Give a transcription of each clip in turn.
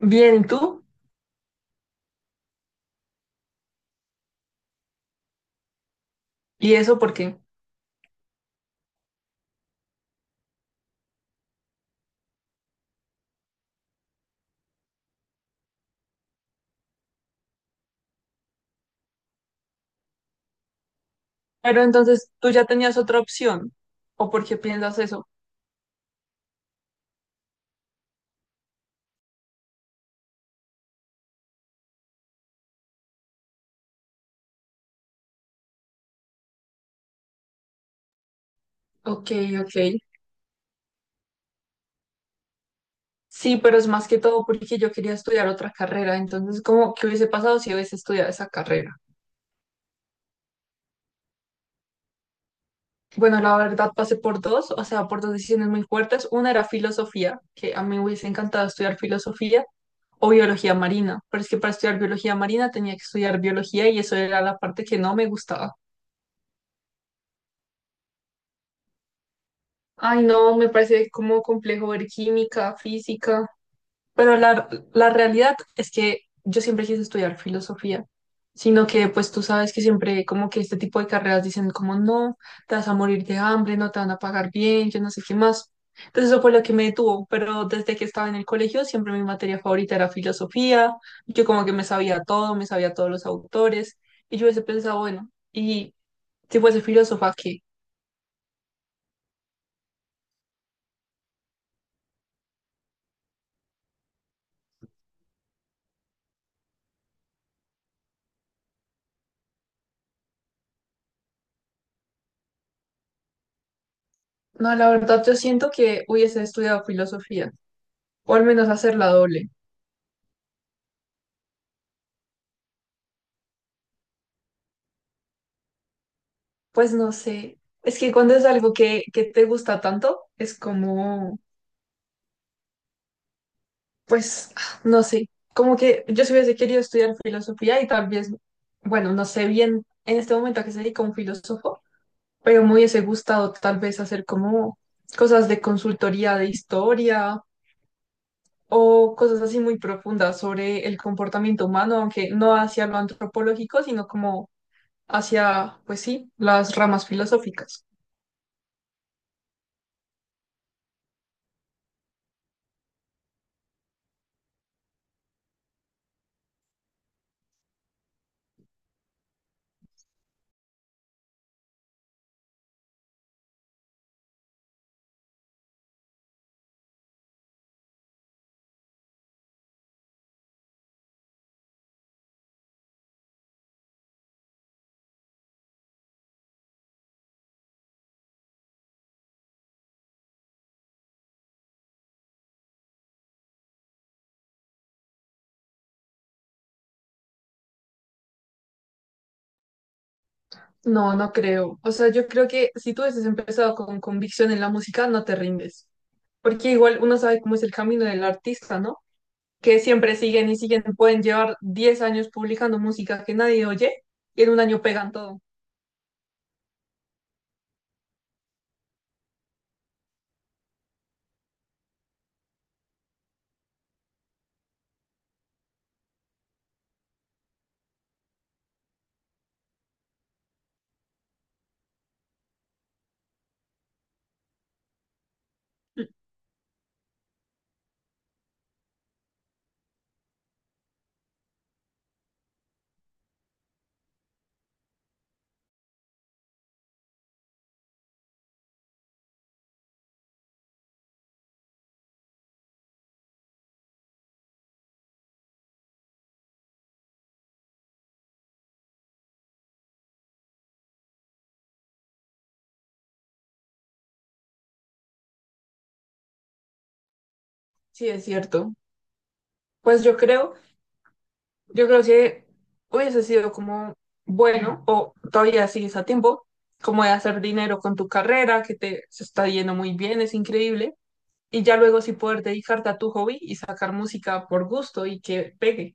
Bien, ¿y tú? ¿Y eso por qué? Pero entonces tú ya tenías otra opción. ¿O por qué piensas eso? Ok, ok. Sí, pero es más que todo porque yo quería estudiar otra carrera. Entonces, ¿cómo qué hubiese pasado si hubiese estudiado esa carrera? Bueno, la verdad pasé por dos, o sea, por dos decisiones muy fuertes. Una era filosofía, que a mí me hubiese encantado estudiar filosofía o biología marina, pero es que para estudiar biología marina tenía que estudiar biología y eso era la parte que no me gustaba. Ay, no, me parece como complejo ver química, física. Pero la realidad es que yo siempre quise estudiar filosofía, sino que pues tú sabes que siempre como que este tipo de carreras dicen como no, te vas a morir de hambre, no te van a pagar bien, yo no sé qué más. Entonces eso fue lo que me detuvo, pero desde que estaba en el colegio siempre mi materia favorita era filosofía, yo como que me sabía todo, me sabía todos los autores, y yo hubiese pensado, bueno, ¿y si fuese filósofa, qué? No, la verdad yo siento que hubiese estudiado filosofía, o al menos hacerla doble. Pues no sé, es que cuando es algo que te gusta tanto, es como, pues, no sé, como que yo si hubiese querido estudiar filosofía y tal vez, bueno, no sé bien en este momento a qué se dedica un filósofo, pero me hubiese gustado tal vez hacer como cosas de consultoría de historia o cosas así muy profundas sobre el comportamiento humano, aunque no hacia lo antropológico, sino como hacia, pues sí, las ramas filosóficas. No, no creo. O sea, yo creo que si tú hubieses empezado con convicción en la música, no te rindes. Porque igual uno sabe cómo es el camino del artista, ¿no? Que siempre siguen y siguen, pueden llevar 10 años publicando música que nadie oye y en un año pegan todo. Sí, es cierto. Pues yo creo que hubiese sido como, bueno, o todavía sigues a tiempo, como de hacer dinero con tu carrera, que te se está yendo muy bien, es increíble. Y ya luego sí poder dedicarte a tu hobby y sacar música por gusto y que pegue.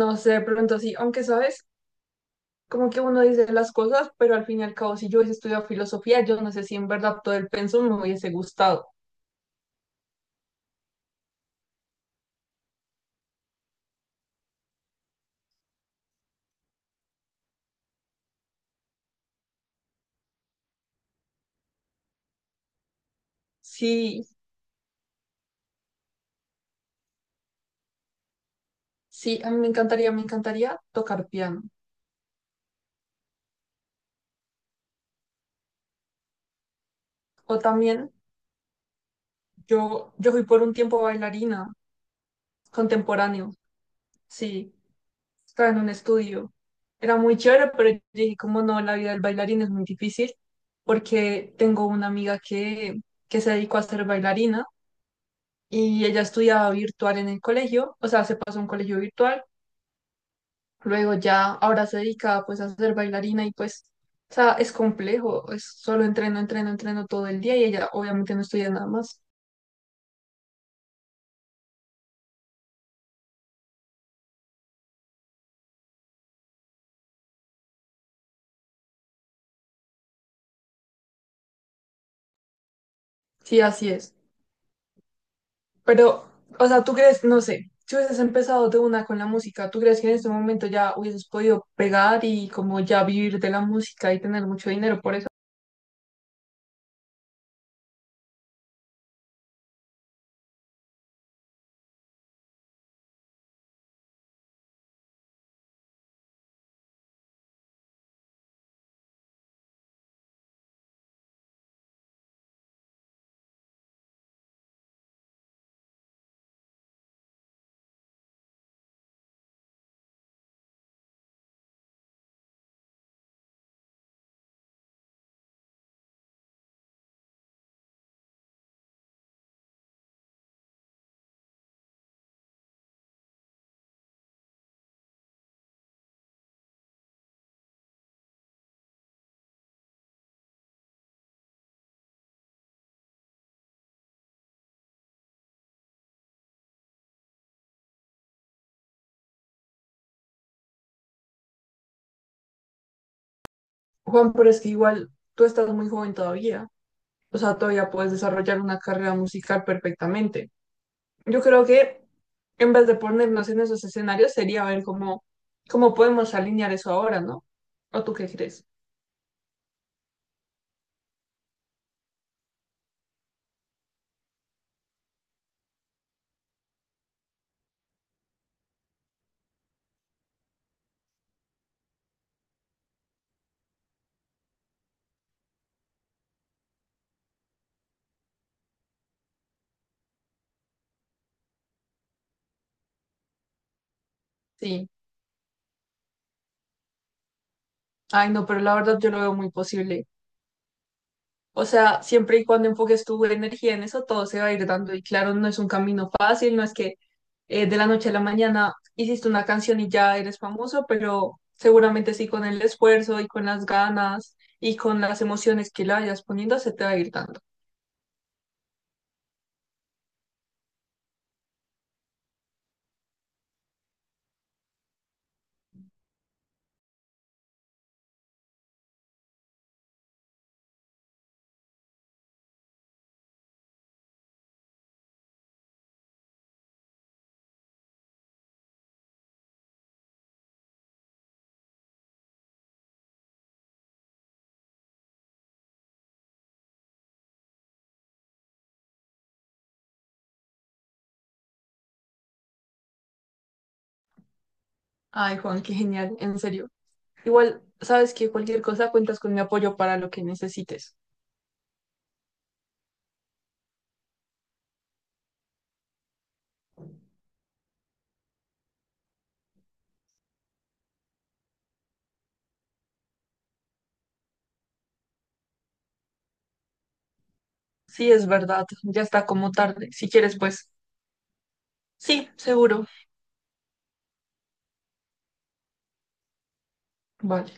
No sé, de pronto sí, aunque sabes, como que uno dice las cosas, pero al fin y al cabo, si yo hubiese estudiado filosofía, yo no sé si en verdad todo el pensum me hubiese gustado. Sí, sí, a mí me encantaría tocar piano. O también, yo fui por un tiempo bailarina contemporáneo, sí. Estaba en un estudio. Era muy chévere, pero yo dije, como no, la vida del bailarín es muy difícil porque tengo una amiga que se dedicó a ser bailarina y ella estudiaba virtual en el colegio, o sea, se pasó a un colegio virtual, luego ya ahora se dedica pues a ser bailarina y pues, o sea, es complejo, es solo entreno, entreno, entreno todo el día y ella obviamente no estudia nada más. Sí, así es. Pero, o sea, ¿tú crees, no sé, si hubieses empezado de una con la música, tú crees que en este momento ya hubieses podido pegar y como ya vivir de la música y tener mucho dinero por eso? Juan, pero es que igual tú estás muy joven todavía, o sea, todavía puedes desarrollar una carrera musical perfectamente. Yo creo que en vez de ponernos en esos escenarios sería ver cómo, cómo podemos alinear eso ahora, ¿no? ¿O tú qué crees? Sí. Ay, no, pero la verdad yo lo veo muy posible. O sea, siempre y cuando enfoques tu energía en eso, todo se va a ir dando. Y claro, no es un camino fácil, no es que de la noche a la mañana hiciste una canción y ya eres famoso, pero seguramente sí con el esfuerzo y con las ganas y con las emociones que le vayas poniendo, se te va a ir dando. Ay, Juan, qué genial, en serio. Igual, sabes que cualquier cosa cuentas con mi apoyo para lo que necesites. Sí, es verdad, ya está como tarde. Si quieres, pues sí, seguro. Vale.